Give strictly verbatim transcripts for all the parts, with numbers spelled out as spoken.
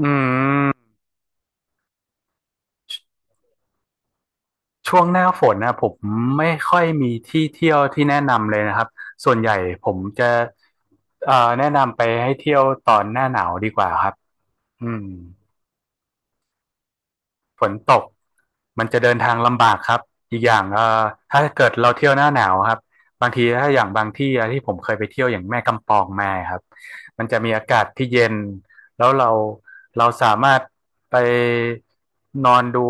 อืมช่วงหน้าฝนนะผมไม่ค่อยมีที่เที่ยวที่แนะนำเลยนะครับส่วนใหญ่ผมจะเอ่อแนะนำไปให้เที่ยวตอนหน้าหนาวดีกว่าครับอืม ฝนตกมันจะเดินทางลำบากครับอีกอย่างเอ่อถ้าเกิดเราเที่ยวหน้าหนาวครับบางทีถ้าอย่างบางที่อะที่ผมเคยไปเที่ยวอย่างแม่กำปองมาครับมันจะมีอากาศที่เย็นแล้วเราเราสามารถไปนอนดู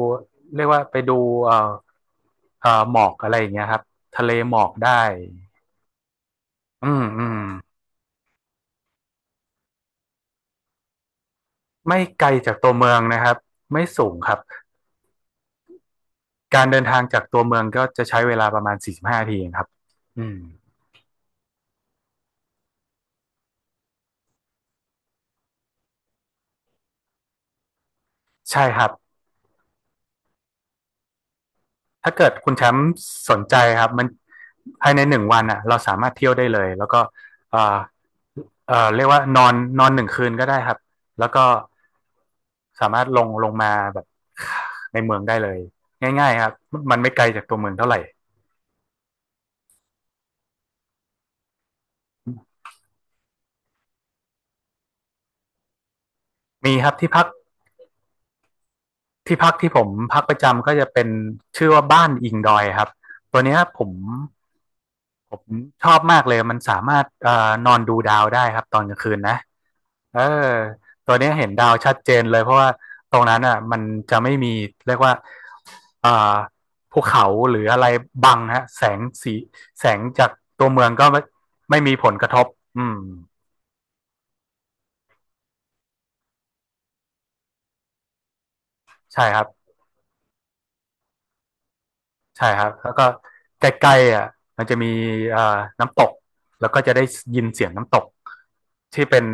เรียกว่าไปดูเอ่อเอ่อหมอกอะไรอย่างเงี้ยครับทะเลหมอกได้อืมอืมไม่ไกลจากตัวเมืองนะครับไม่สูงครับการเดินทางจากตัวเมืองก็จะใช้เวลาประมาณสี่สิบห้านาทีเองครับอืม ใช่ครับ ถ้าเกิดคุณแชมป์สนใจครับมันภายในหนึ่งวันอ่ะเราสามารถเที่ยวได้เลยแล้วก็เอ่อเอ่อเรียกว่านอนนอนหนึ่งคืนก็ได้ครับ แล้วก็สามารถลงลงมาแบบในเมืองได้เลยง่ายๆครับ มันไม่ไกลจากตัวเมืองเท่าไหร่มีครับที่พักที่พักที่ผมพักประจำก็จะเป็นชื่อว่าบ้านอิงดอยครับ ตัวเนี้ยผมผมชอบมากเลยมันสามารถเอ่อนอนดูดาวได้ครับตอนกลางคืนนะ เออตัวเนี้ยเห็นดาวชัดเจนเลยเพราะว่าตรงนั้นอ่ะมันจะไม่มีเรียกว่าอ่าภูเขาหรืออะไรบังฮะแสงสีแสงจากตัวเมืองก็ไม่ไม่มีผลกระทบอืมใช่ครับใช่ครับแล้วก็ใกล้ๆอ่ะมันจะมีอ่าน้ำตกแล้วก็จะได้ยินเสียงน้ำตกที่เป็น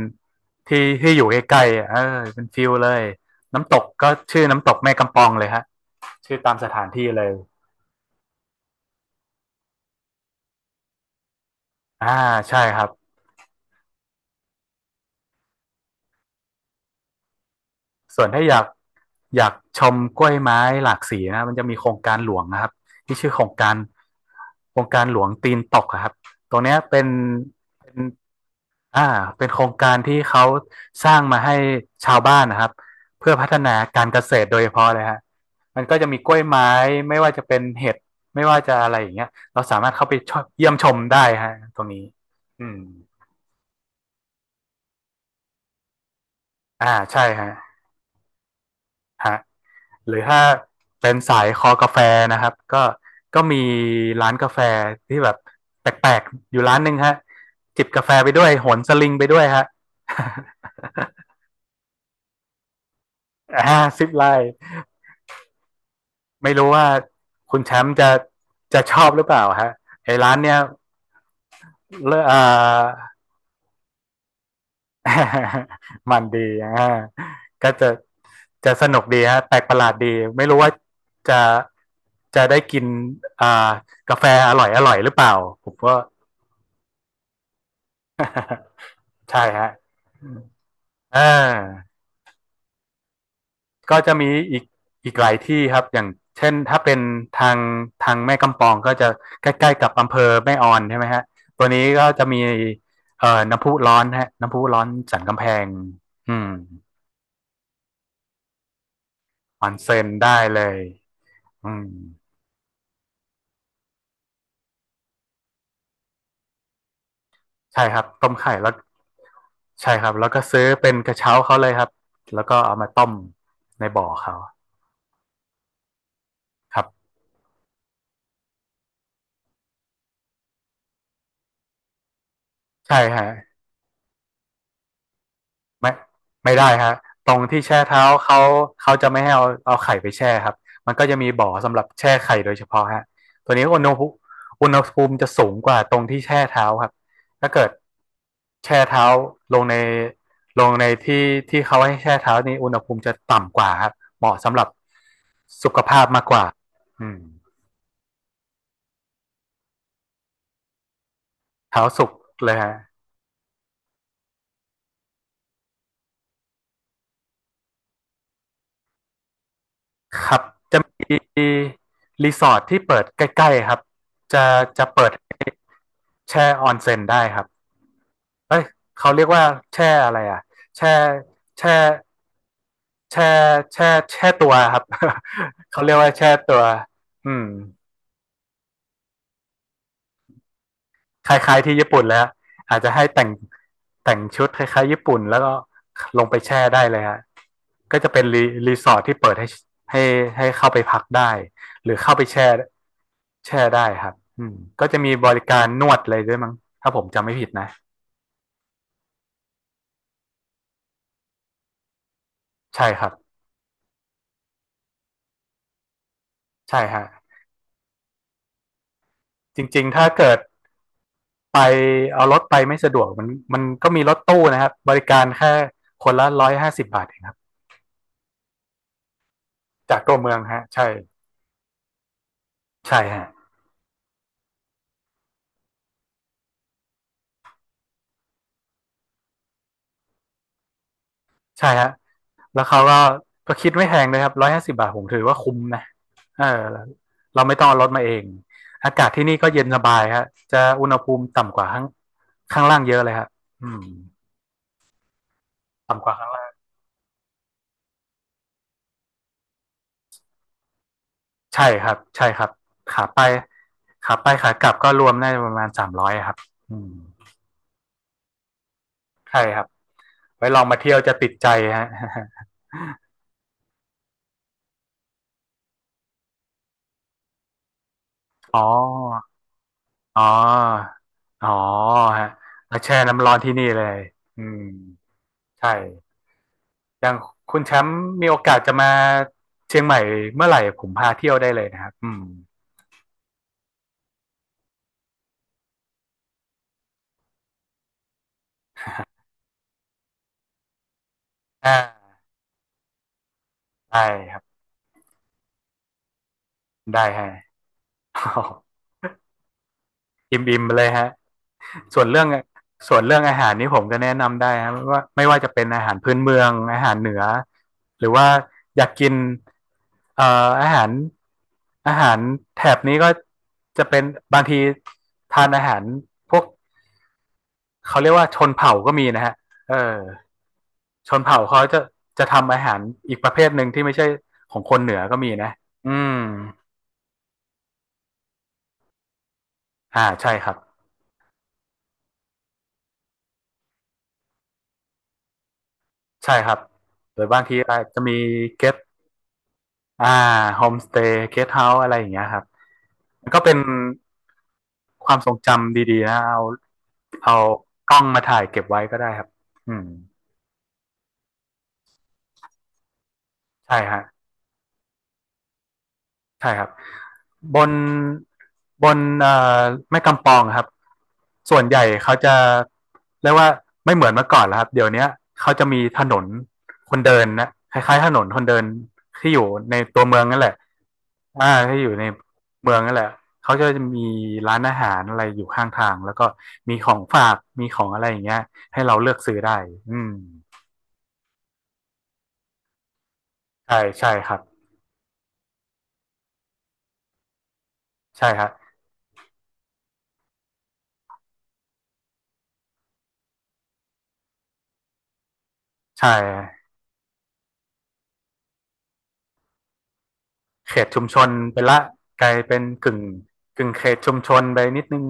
ที่ที่อยู่ใกล้ๆอ่ะเออเป็นฟิลเลยน้ำตกก็ชื่อน้ำตกแม่กำปองเลยฮะชื่อตามสถานที่เลยอ่าใช่ครับ ส่วนถ้าอยากอยากชมกล้วยไม้หลากสีนะมันจะมีโครงการหลวงนะครับที่ชื่อโครงการโครงการหลวงตีนตกครับตรงเนี้ยเป็นเป็นอ่าเป็นโครงการที่เขาสร้างมาให้ชาวบ้านนะครับเพื่อพัฒนาการเกษตรโดยเฉพาะเลยฮะมันก็จะมีกล้วยไม้ไม่ว่าจะเป็นเห็ดไม่ว่าจะอะไรอย่างเงี้ยเราสามารถเข้าไปชมเยี่ยมชมได้ฮะตรงนี้อืมอ่าใช่ฮะฮะ หรือถ้าเป็นสายคอกาแฟนะครับก็ก็มีร้านกาแฟที่แบบแปลกๆอยู่ร้านหนึ่งฮะจิบกาแฟไปด้วยโหนสลิงไปด้วยฮะห้าสิบไลน์ไม่รู้ว่าคุณแชมป์จะจะชอบหรือเปล่าฮะไอ้ร้านเนี้ยเลอะอ่า มันดีอ่าก็จะจะสนุกดีฮะแปลกประหลาดดีไม่รู้ว่าจะจะได้กินอ่ากาแฟอร่อยอร่อยหรือเปล่าผมก็ ใช่ฮะอ่าก็จะมีอีกอีกหลายที่ครับอย่างเช่นถ้าเป็นทางทางแม่กำปองก็จะใกล้ๆกับอำเภอแม่ออนใช่ไหมฮะตัวนี้ก็จะมีเอ่อน้ำพุร้อนฮะน้ำพุร้อนสันกำแพงอืมออนเซ็นได้เลยอืมใช่ครับ ต้มไข่แล้วใช่ครับแล้วก็ซื้อเป็นกระเช้าเขาเลยครับ แล้วก็เอามาต้มในบ่อเขาครับใช่ฮะ ไม่ไม่ได้ฮะตรงที่แช่เท้าเขาเขาจะไม่ให้เอาเอาไข่ไปแช่ครับมันก็จะมีบ่อสำหรับแช่ไข่โดยเฉพาะฮะตัวนี้อุณหภูมิอุณหภูมิจะสูงกว่าตรงที่แช่เท้าครับถ้าเกิดแช่เท้าลงในลงในที่ที่เขาให้แช่เท้านี่อุณหภูมิจะต่ำกว่าครับเหมาะสำหรับสุขภาพมากกว่าอืมเท้าสุกเลยฮะครับจะมีรีสอร์ทที่เปิดใกล้ๆครับจะจะเปิดให้ แช่ออนเซ็นได้ครับเอ้ยเขาเรียกว่าแช่อะไรอ่ะแช่แช่แช่แช่แช่ตัวครับ เขาเรียกว่าแช่ตัวอืมคล้ายๆที่ญี่ปุ่นแล้วอาจจะให้แต่งแต่งชุดคล้ายๆญี่ปุ่นแล้วก็ลงไปแช่ได้เลยฮะก็จะเป็นรีรีสอร์ทที่เปิดให้ให้ให้เข้าไปพักได้หรือเข้าไปแช่แช่ได้ครับอืมก็จะมีบริการนวดเลยด้วยมั้งถ้าผมจำไม่ผิดนะใช่ครับใช่ฮะจริงๆถ้าเกิด ไปเอารถไปไม่สะดวกมันมันก็มีรถตู้นะครับบริการแค่คนละหนึ่งร้อยห้าสิบบาทเองครับจากตัวเมืองฮะใช่ใช่ฮะใช่ฮะแล้วเขาก็ก็คิดไม่แพงเลยครับหนึ่งร้อยห้าสิบบาทผมถือว่าคุ้มนะเออเราไม่ต้องเอารถมาเองอากาศที่นี่ก็เย็นสบายฮะจะอุณหภูมิต่ำกว่าข้างข้างล่างเยอะเลยฮะอืมต่ำกว่าข้างล่างใช่ครับใช่ครับขาไปขาไปขากลับก็รวมได้ประมาณสามร้อยครับอืมใช่ครับ ไว้ลองมาเที่ยวจะติดใจฮะ อ๋ออ๋ออ๋อฮะมาแช่น้ำร้อนที่นี่เลยอืมใช่อย่างคุณแชมป์มีโอกาสจะมาเชียงใหม่เมื่อไหร่ผมพาเที่ยวได้เลยนะครับอืมอ่าได้ครับได้ฮะ อิ่มๆไปเลยฮะ ส่วนเรื่องส่วนเรื่องอาหารนี่ผมก็แนะนำได้ครับว่าไม่ว่าจะเป็นอาหารพื้นเมืองอาหารเหนือหรือว่าอยากกินเอ่ออาหารอาหารแถบนี้ก็จะเป็นบางทีทานอาหารพวกเขาเรียกว่าชนเผ่าก็มีนะฮะเออชนเผ่าเขาจะจะทำอาหารอีกประเภทหนึ่งที่ไม่ใช่ของคนเหนือก็มีนะอืมอ่าใช่ครับใช่ครับหรือบางทีอาจจะมีเก็ต อ่าโฮมสเตย์เกสต์เฮาส์อะไรอย่างเงี้ยครับมันก็เป็นความทรงจำดีๆนะเอาเอากล้องมาถ่ายเก็บไว้ก็ได้ครับอืมใช่ฮะใช่ครับบนบนเอ่อแม่กำปองครับส่วนใหญ่เขาจะเรียกว่าไม่เหมือนเมื่อก่อนแล้วครับเดี๋ยวเนี้ยเขาจะมีถนนคนเดินนะคล้ายๆถนนคนเดินที่อยู่ในตัวเมืองนั่นแหละ อ่าถ้าอยู่ในเมืองนั่นแหละเขาจะมีร้านอาหารอะไรอยู่ข้างทางแล้วก็มีของฝากมีของอะไรอย่างเงี้ยให้เราเลือกซื้อได้อืมใช่ใช่ครับใช่ครับใช่เขตชุมชนไปละกลายเป็นกึ่งกึ่งเขตชุมชนไปนิดนึง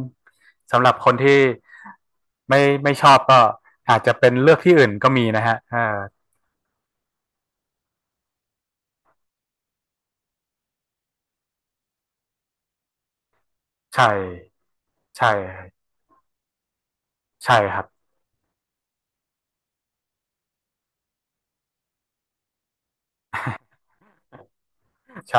สำหรับคนที่ไม่ไม่ชอบก็อาจจะเป็นเลือกที่อื่นก็มีนะฮะอ่าใช่ใช่ใช่ครับใช่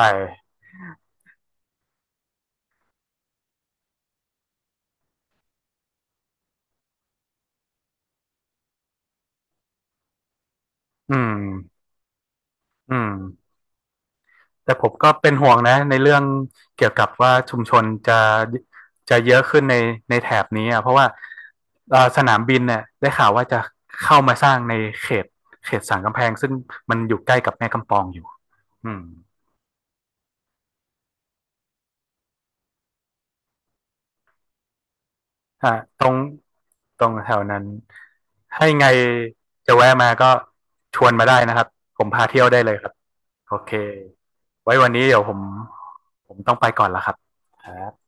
อืมอืม แต่ผมก็เป็นห่วงนะในเรื่องเกี่ยวกับว่าชุมชนจะจะเยอะขึ้นในในแถบนี้อ่ะเพราะว่าเอ่อสนามบินเนี่ยได้ข่าวว่าจะเข้ามาสร้างในเขตเขตสันกำแพงซึ่งมันอยู่ใกล้กับแม่กำปองอยู่อืมอ่าตรงตรงแถวนั้นให้ไงจะแวะมาก็ชวนมาได้นะครับผมพาเที่ยวได้เลยครับโอเคไว้วันนี้เดี๋ยวผมผมต้องไปก่อนละครับอ่า